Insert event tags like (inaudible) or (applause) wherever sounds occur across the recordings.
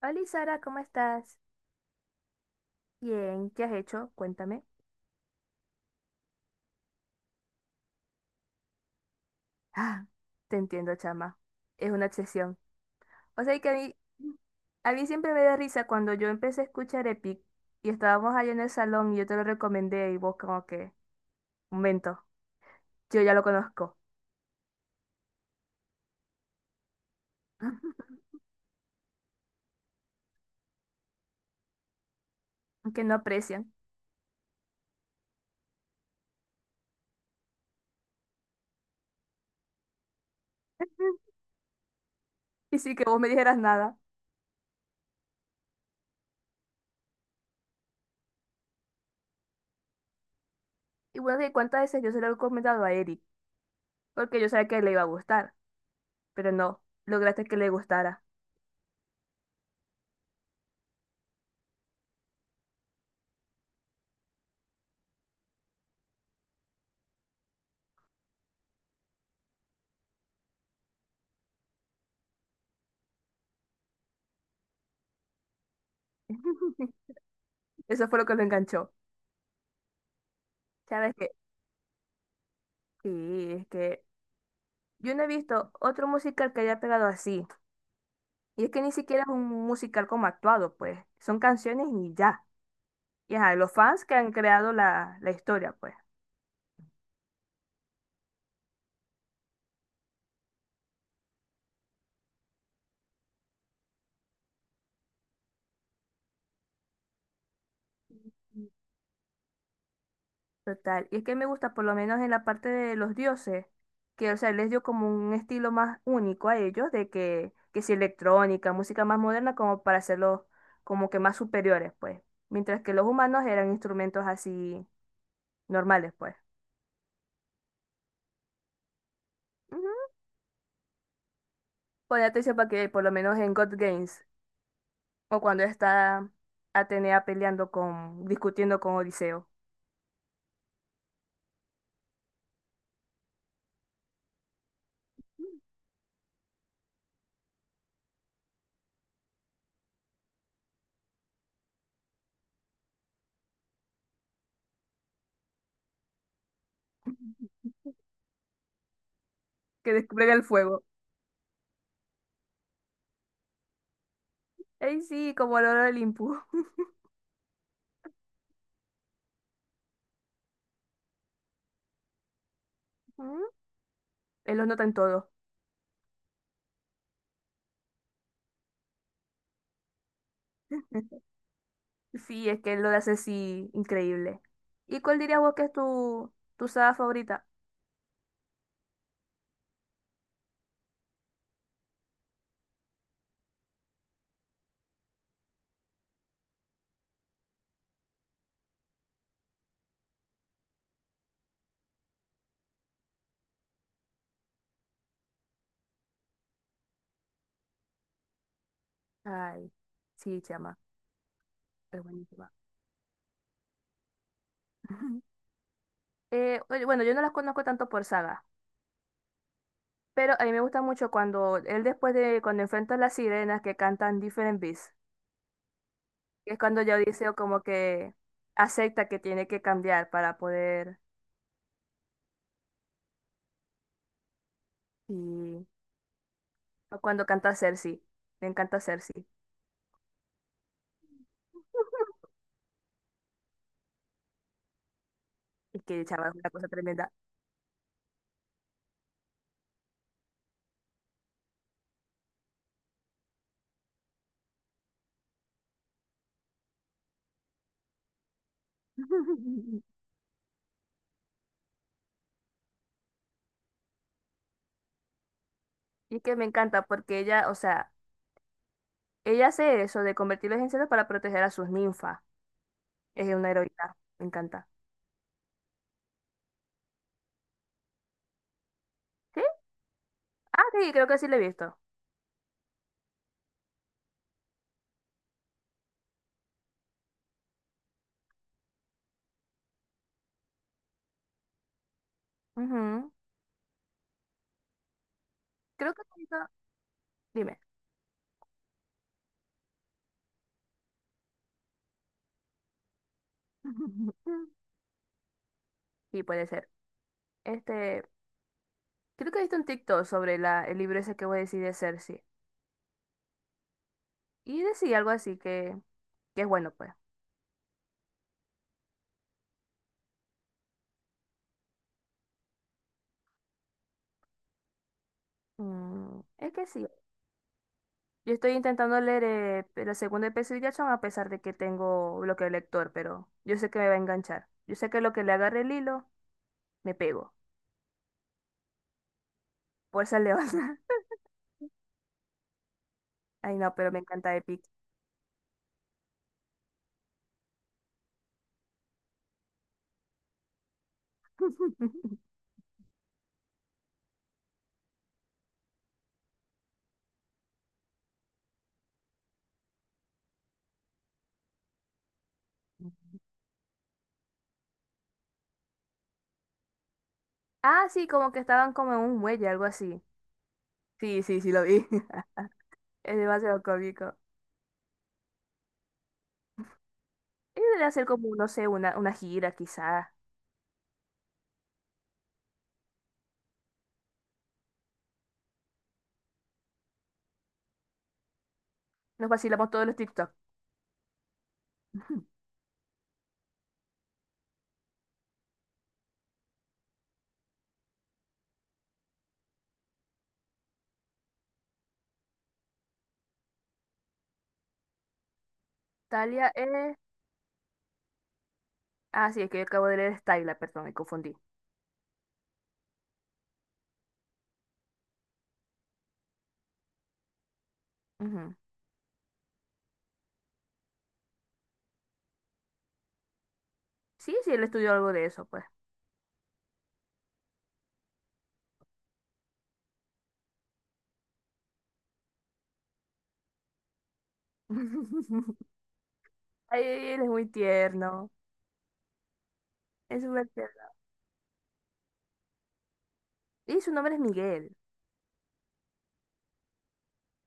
Hola Sara, ¿cómo estás? Bien, ¿qué has hecho? Cuéntame. Ah, te entiendo, chama. Es una obsesión. O sea que a mí siempre me da risa cuando yo empecé a escuchar Epic y estábamos allá en el salón y yo te lo recomendé y vos como que, momento, yo ya lo conozco. (laughs) Que no aprecian. (laughs) Y sí que vos me dijeras nada. Y bueno, de cuántas veces yo se lo he comentado a Eric, porque yo sabía que le iba a gustar, pero no, lograste que le gustara. (laughs) Eso fue lo que lo enganchó. ¿Sabes? Sí, es que yo no he visto otro musical que haya pegado así. Y es que ni siquiera es un musical como actuado, pues. Son canciones y ya. Y ajá, los fans que han creado la historia, pues. Total. Y es que me gusta, por lo menos en la parte de los dioses, que, o sea, les dio como un estilo más único a ellos, de que si electrónica, música más moderna, como para hacerlos como que más superiores, pues. Mientras que los humanos eran instrumentos así normales, pues. Pon atención para que por lo menos en God Games o cuando está Atenea peleando con, discutiendo con Odiseo, (laughs) que despliega el fuego. Ey, sí, como el oro del Olimpo. ¿Mm? Él los nota en todo. (laughs) Sí, es que él lo hace así increíble. ¿Y cuál dirías vos que es tu, tu saga favorita? Ay, sí, chama, es buenísima. (laughs) Oye, bueno, yo no las conozco tanto por saga, pero a mí me gusta mucho cuando él después de cuando enfrenta a las sirenas que cantan Different Beasts. Es cuando ya Odiseo como que acepta que tiene que cambiar para poder. Y o cuando canta Cersei. Me encanta Cersei. Es que chaval, es una cosa tremenda. (laughs) Y que me encanta porque ella, o sea, ella hace eso de convertirlos en cerdos para proteger a sus ninfas. Es una heroína. Me encanta. ¿Sí? Ah, sí, creo que sí lo he visto. Ujú. Creo que he visto. Dime. (laughs) Sí, puede ser. Este, creo que he visto un TikTok sobre la, el libro ese que voy a decir de Cersei. Y decía algo así que es bueno, pues. Mm, es que sí. Yo estoy intentando leer la segunda de Percy Jackson a pesar de que tengo bloqueo de lector, pero yo sé que me va a enganchar. Yo sé que lo que le agarre el hilo, me pego. Fuerza León. (laughs) Ay, no, pero me encanta Epic. (laughs) Ah, sí, como que estaban como en un muelle, algo así. Sí, sí, sí, lo vi. (laughs) Es demasiado cómico. Y debe hacer como, no sé, una gira, quizá. Nos vacilamos todos los TikTok. (laughs) Talia es... Ah, sí, es que yo acabo de leer Styla, perdón, me confundí. Ujú. Sí, sí, él estudió algo de eso, pues. (laughs) Ay, él es muy tierno. Es súper tierno. Y su nombre es Miguel.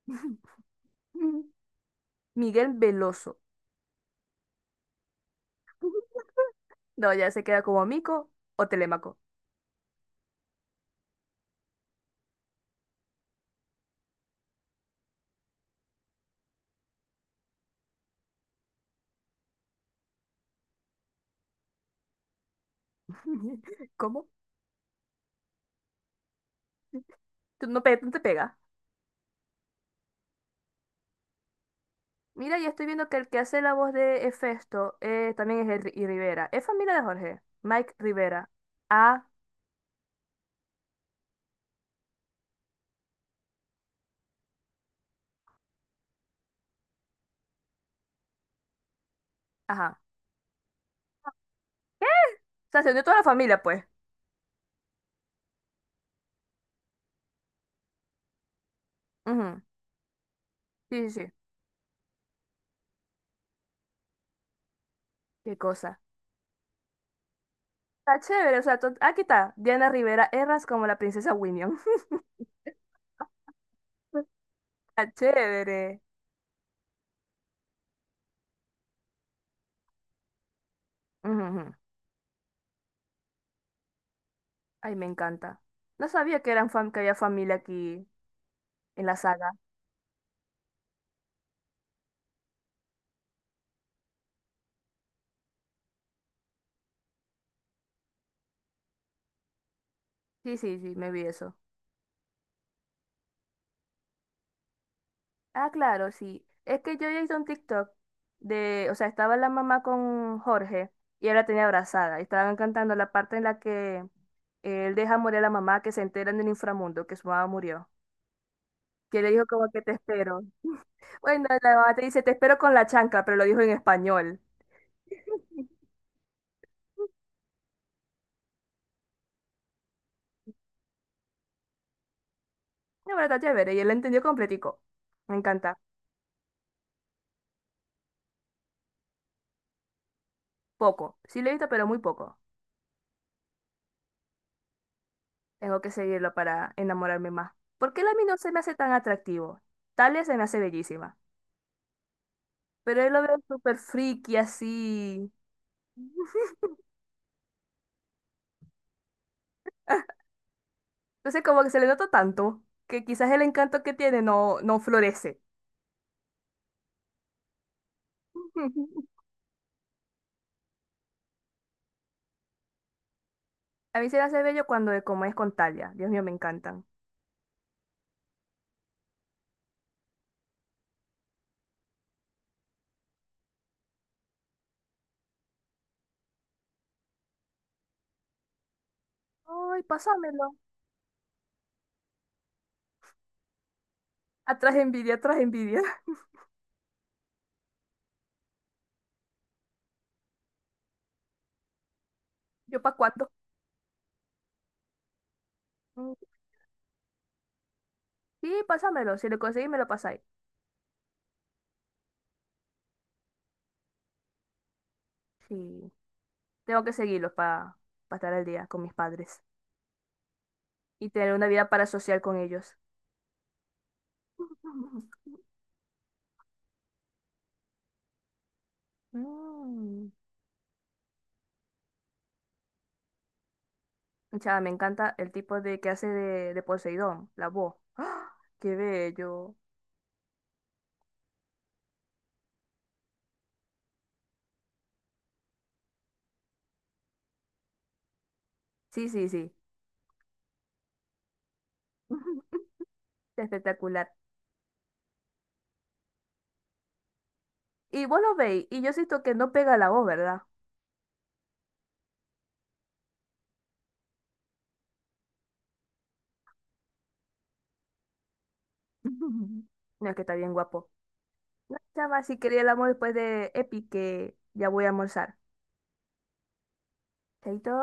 (laughs) Miguel Veloso. (laughs) No, ya se queda como Mico o Telémaco. (laughs) ¿Cómo? Tú no, pe- no te pega. Mira, ya estoy viendo que el que hace la voz de Hefesto también es el Ri- y Rivera. Es familia de Jorge. Mike Rivera. Ah, ajá. O sea, se unió toda la familia, pues. Ujú. Sí, sí, sí. Qué cosa. Está chévere. O sea, to- ah, aquí está. Diana Rivera Erras como la princesa Winnie. Está chévere. Ujú, ujú. Ay, me encanta. No sabía que eran fam que había familia aquí en la saga. Sí, sí, sí, me vi eso. Ah, claro, sí. Es que yo ya hice un TikTok de, o sea, estaba la mamá con Jorge y él la tenía abrazada. Y estaban cantando la parte en la que él deja morir a la mamá que se entera en el inframundo que su mamá murió. Que le dijo como que te espero. Bueno, la mamá te dice te espero con la chancla, pero lo dijo en español. La verdad, chévere. Y él la entendió completico. Me encanta. Poco. Sí lo he visto, pero muy poco. Tengo que seguirlo para enamorarme más. Porque él a mí no se me hace tan atractivo. Talia se me hace bellísima. Pero él lo veo súper friki así. (laughs) Entonces como que se le nota tanto que quizás el encanto que tiene no florece. (laughs) A mí se me hace bello cuando es como es con Talia. Dios mío, me encantan. Ay, pásamelo. Atrás envidia, atrás envidia. (laughs) ¿Yo pa' cuánto? Mm, sí, pásamelo. Si lo conseguís, me lo pasáis. Sí. Tengo que seguirlo para estar al día con mis padres y tener una vida parasocial con ellos. (laughs) Mm. Chava, me encanta el tipo de que hace de Poseidón, la voz. ¡Ah! ¡Qué bello! Sí, sí, sí, (laughs) espectacular. Y vos lo veis, y yo siento que no pega la voz, ¿verdad? (laughs) No, es que está bien guapo. No, chama, si quería el amor después de Epi, que ya voy a almorzar. Chaito.